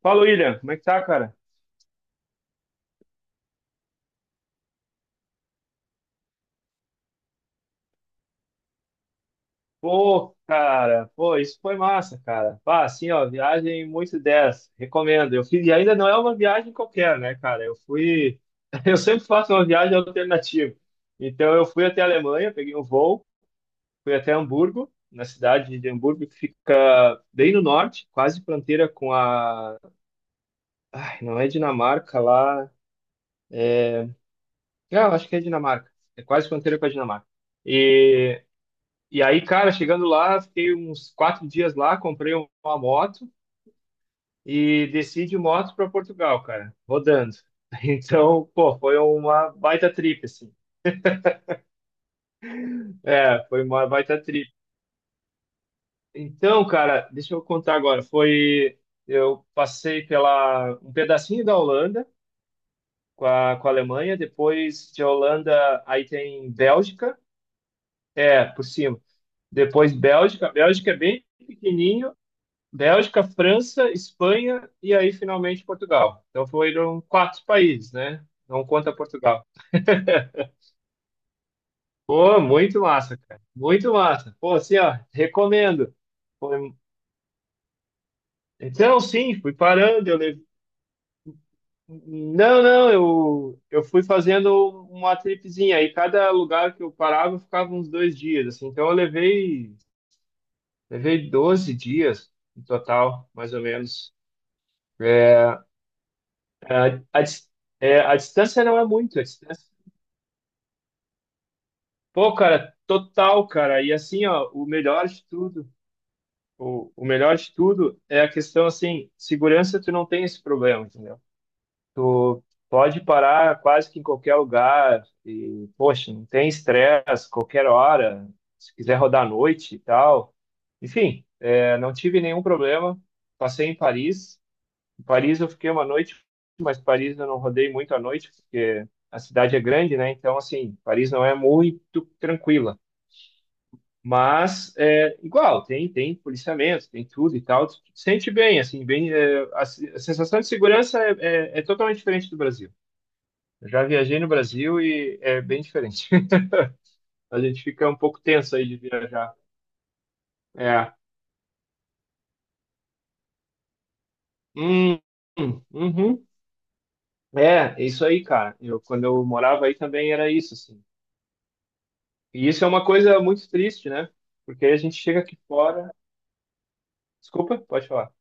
Fala, William, como é que tá, cara? Pô, cara, pô, isso foi massa, cara. Pá, assim, ó, viagem muito 10, recomendo. Eu fiz, e ainda não é uma viagem qualquer, né, cara? Eu sempre faço uma viagem alternativa. Então, eu fui até a Alemanha, peguei um voo, fui até Hamburgo, na cidade de Hamburgo, que fica bem no norte, quase fronteira com a. Ai, não é Dinamarca lá. Ah, eu acho que é Dinamarca. É quase fronteira com a Dinamarca. E E aí, cara, chegando lá, fiquei uns quatro dias lá, comprei uma moto e desci de moto para Portugal, cara, rodando. Então, pô, foi uma baita trip, assim. É, foi uma baita trip. Então, cara, deixa eu contar agora. Eu passei pela um pedacinho da Holanda com a Alemanha, depois de Holanda, aí tem Bélgica, é, por cima. Depois Bélgica é bem pequenininho, Bélgica, França, Espanha e aí finalmente Portugal. Então foram quatro países, né? Não conta Portugal. Pô, muito massa, cara. Muito massa. Pô, assim, ó, recomendo. Foi- um, Então, sim, fui parando. Eu levei. Não, não, eu fui fazendo uma tripzinha. Aí cada lugar que eu parava eu ficava uns dois dias, assim. Então eu levei 12 dias no total, mais ou menos. É, a dis- a distância não é muito, a distância. Pô, cara, total, cara. E assim, ó, o melhor de tudo, o melhor de tudo é a questão, assim, segurança, tu não tem esse problema, entendeu? Tu pode parar quase que em qualquer lugar e, poxa, não tem estresse, qualquer hora, se quiser rodar à noite e tal. Enfim, é, não tive nenhum problema. Passei em Paris. Em Paris eu fiquei uma noite, mas Paris eu não rodei muito à noite, porque a cidade é grande, né? Então, assim, Paris não é muito tranquila. Mas é igual, tem policiamento, tem tudo e tal. Tu sente bem, assim, bem. É, a, se- A sensação de segurança é totalmente diferente do Brasil. Eu já viajei no Brasil e é bem diferente. A gente fica um pouco tenso aí de viajar. É. Hum, uhum. É, é isso aí, cara. Eu, quando eu morava aí também era isso, assim. E isso é uma coisa muito triste, né? Porque a gente chega aqui fora. Desculpa, pode falar.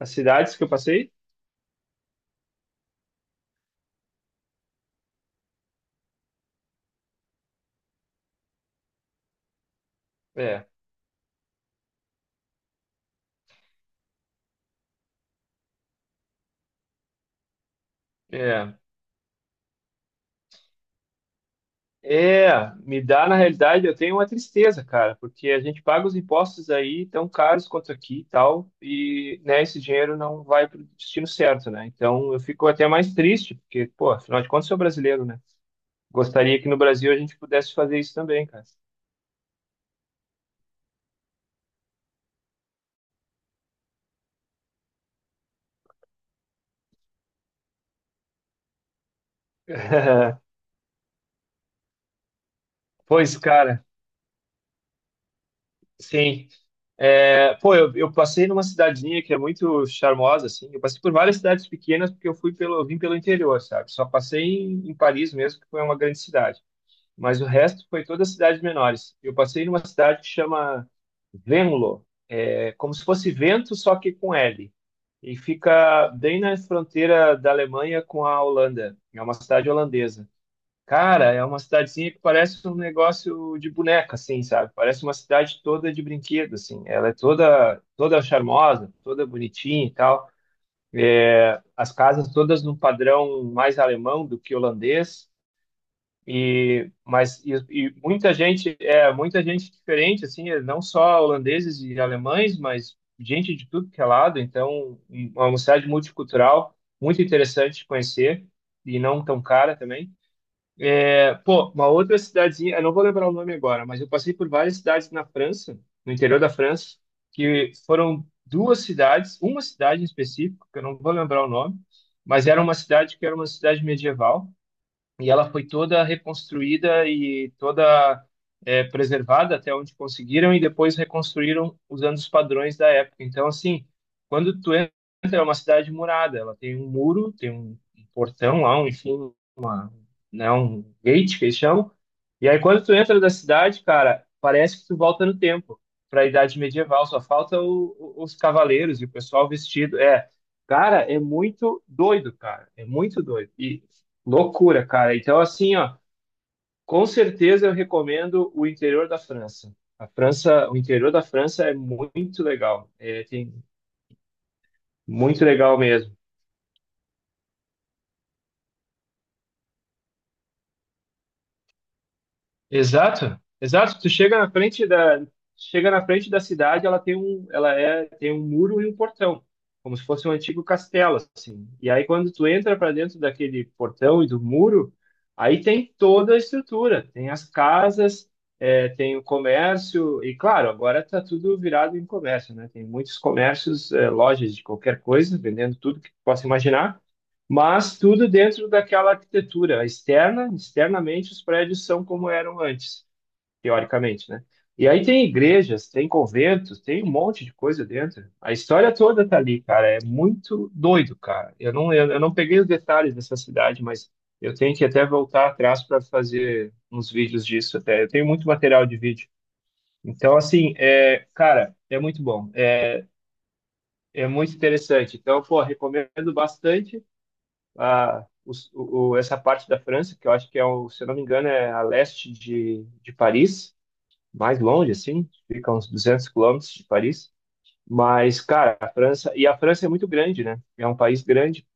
As cidades que eu passei? É, é. É, me dá, na realidade, eu tenho uma tristeza, cara, porque a gente paga os impostos aí tão caros quanto aqui e tal, e né, esse dinheiro não vai para o destino certo, né? Então eu fico até mais triste, porque, pô, afinal de contas, sou brasileiro, né? Gostaria que no Brasil a gente pudesse fazer isso também, cara. Pois, cara, sim. É, pô, eu passei numa cidadezinha que é muito charmosa, assim. Eu passei por várias cidades pequenas porque eu fui eu vim pelo interior, sabe? Só passei em Paris mesmo, que foi uma grande cidade. Mas o resto foi todas cidades menores. Eu passei numa cidade que chama Venlo, é como se fosse vento, só que com L. E fica bem na fronteira da Alemanha com a Holanda. É uma cidade holandesa. Cara, é uma cidadezinha que parece um negócio de boneca, assim, sabe? Parece uma cidade toda de brinquedo, assim. Ela é toda, toda charmosa, toda bonitinha e tal. As casas todas num padrão mais alemão do que holandês muita gente, é muita gente diferente assim, é não só holandeses e alemães, mas gente de tudo que é lado. Então, uma cidade multicultural muito interessante de conhecer e não tão cara também. É, pô, uma outra cidadezinha, eu não vou lembrar o nome agora, mas eu passei por várias cidades na França, no interior da França, que foram duas cidades, uma cidade em específico, que eu não vou lembrar o nome, mas era uma cidade medieval e ela foi toda reconstruída e toda preservada até onde conseguiram e depois reconstruíram usando os padrões da época. Então, assim, quando tu entra, é uma cidade murada, ela tem um muro, tem um portão lá, um, enfim, né, um gate que eles chamam. E aí quando tu entra da cidade, cara, parece que tu volta no tempo, para a idade medieval, só falta os cavaleiros e o pessoal vestido. É, cara, é muito doido, cara, é muito doido. E loucura, cara. Então assim, ó, com certeza eu recomendo o interior da França. A França, o interior da França é muito legal. É, tem muito legal mesmo. Exato, exato. Tu chega chega na frente da cidade, ela tem um muro e um portão, como se fosse um antigo castelo, assim. E aí quando tu entra para dentro daquele portão e do muro, aí tem toda a estrutura, tem as casas, é, tem o comércio e claro, agora tá tudo virado em comércio, né? Tem muitos comércios, é, lojas de qualquer coisa vendendo tudo que tu possa imaginar, mas tudo dentro daquela arquitetura externa, externamente os prédios são como eram antes, teoricamente, né? E aí tem igrejas, tem conventos, tem um monte de coisa dentro. A história toda tá ali, cara, é muito doido, cara. Eu não peguei os detalhes dessa cidade, mas eu tenho que até voltar atrás para fazer uns vídeos disso até. Eu tenho muito material de vídeo. Então, assim, é, cara, é muito bom. É, é muito interessante. Então, pô, recomendo bastante a, os- o- essa parte da França, que eu acho que é, o, se eu não me engano, é a leste de Paris, mais longe, assim, fica uns 200 quilômetros de Paris. Mas, cara, a França é muito grande, né? É um país grande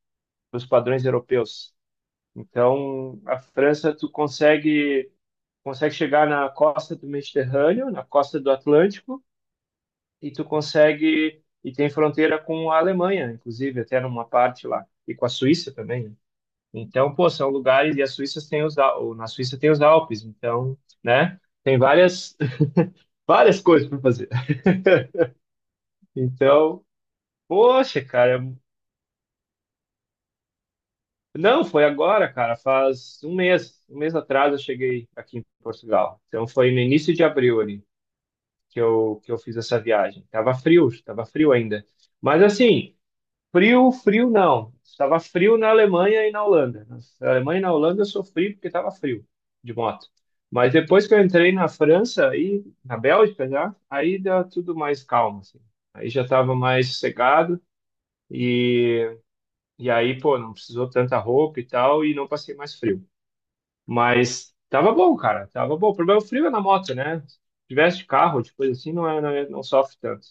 para os padrões europeus. Então, a França, consegue chegar na costa do Mediterrâneo, na costa do Atlântico, e e tem fronteira com a Alemanha, inclusive, até numa parte lá, e com a Suíça também, né? Então, pô, são lugares, e a Suíça tem os, Al- ou na Suíça tem os Alpes, então, né? Tem várias, várias coisas para fazer. Então, poxa, cara, não, foi agora, cara, faz um mês atrás eu cheguei aqui em Portugal. Então foi no início de abril ali que eu fiz essa viagem. Tava frio ainda. Mas assim, frio, frio não. Estava frio na Alemanha e na Holanda. Na Alemanha e na Holanda eu sofri porque estava frio de moto. Mas depois que eu entrei na França e na Bélgica já, aí dá tudo mais calmo, assim. Aí já estava mais sossegado e, e aí, pô, não precisou tanta roupa e tal e não passei mais frio. Mas tava bom, cara, tava bom. O problema é frio é na moto, né? Se tivesse de carro, de coisa assim, não sofre tanto.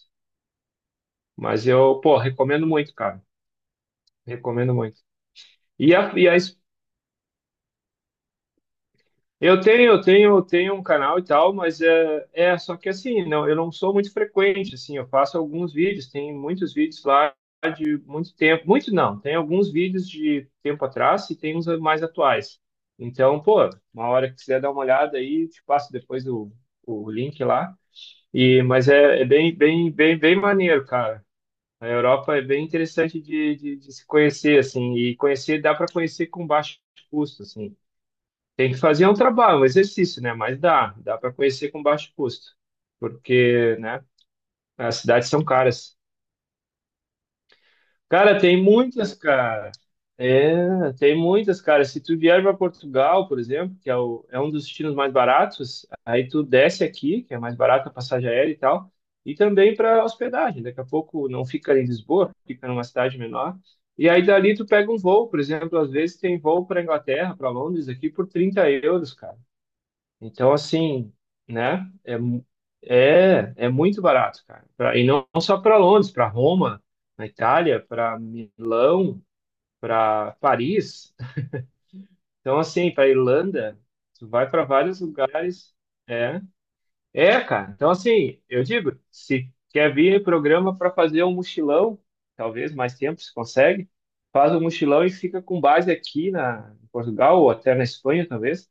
Mas eu, pô, recomendo muito, cara. Recomendo muito. E a Eu tenho um canal e tal, mas é, é só que assim, não, eu não sou muito frequente, assim, eu faço alguns vídeos, tem muitos vídeos lá de muito tempo, muito não, tem alguns vídeos de tempo atrás e tem uns mais atuais. Então, pô, uma hora que quiser dar uma olhada aí, te passo depois o link lá. E, mas é, é bem maneiro, cara. A Europa é bem interessante de se conhecer, assim, e conhecer, dá para conhecer com baixo custo, assim. Tem que fazer um trabalho, um exercício, né? Mas dá para conhecer com baixo custo, porque, né? As cidades são caras. Cara, tem muitas, cara. É, tem muitas, cara. Se tu vier para Portugal, por exemplo, que é, o, é um dos destinos mais baratos, aí tu desce aqui, que é mais barato a passagem aérea e tal, e também para hospedagem. Daqui a pouco não fica em Lisboa, fica numa cidade menor. E aí dali tu pega um voo, por exemplo, às vezes tem voo para Inglaterra, para Londres aqui por 30 euros, cara. Então, assim, né? É muito barato, cara. E não só para Londres, para Roma, na Itália, para Milão, para Paris. Então, assim, para Irlanda, tu vai para vários lugares. É, é, cara. Então, assim, eu digo, se quer vir programa para fazer um mochilão, talvez mais tempo se consegue, faz um mochilão e fica com base aqui na em Portugal ou até na Espanha, talvez.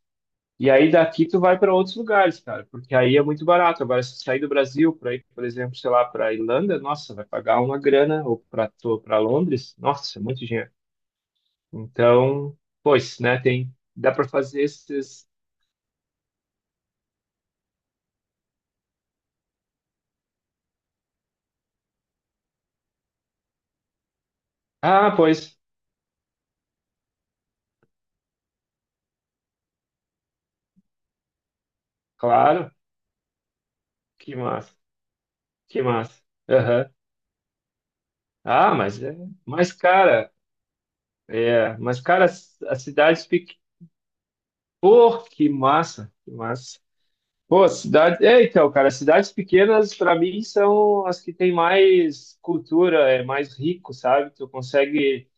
E aí daqui tu vai para outros lugares, cara, porque aí é muito barato. Agora, se sair do Brasil para ir, por exemplo, sei lá, para Irlanda, nossa, vai pagar uma grana, ou para Londres, nossa, é muito dinheiro. Então, pois, né, tem, dá para fazer esses. Ah, pois, claro, que massa, que massa. Aham. Ah, mas cara, mas cara, as cidades pequenas. Pô, que massa, que massa. Pô, cidade. É, então, cara, cidades pequenas, para mim, são as que têm mais cultura, é mais rico, sabe? Tu consegue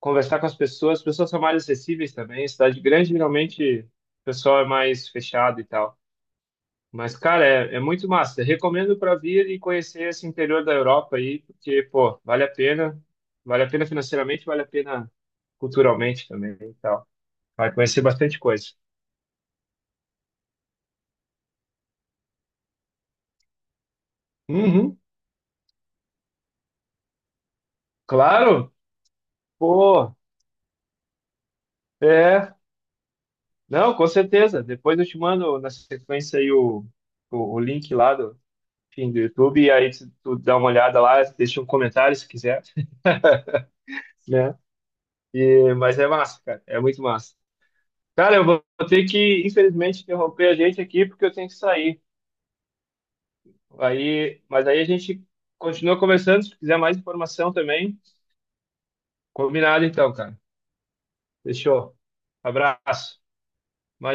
conversar com as pessoas são mais acessíveis também. Cidade grande, geralmente, o pessoal é mais fechado e tal. Mas, cara, é muito massa. Recomendo para vir e conhecer esse interior da Europa aí, porque, pô, vale a pena. Vale a pena financeiramente, vale a pena culturalmente também e tal. Vai conhecer bastante coisa. Uhum, claro, pô, é. Não, com certeza. Depois eu te mando na sequência aí o link lá do, enfim, do YouTube, e aí tu dá uma olhada lá, deixa um comentário se quiser, né? E, mas é massa, cara, é muito massa. Cara, eu vou ter que, infelizmente, interromper a gente aqui porque eu tenho que sair. Aí, mas aí a gente continua conversando, se quiser mais informação também. Combinado então, cara. Fechou. Abraço.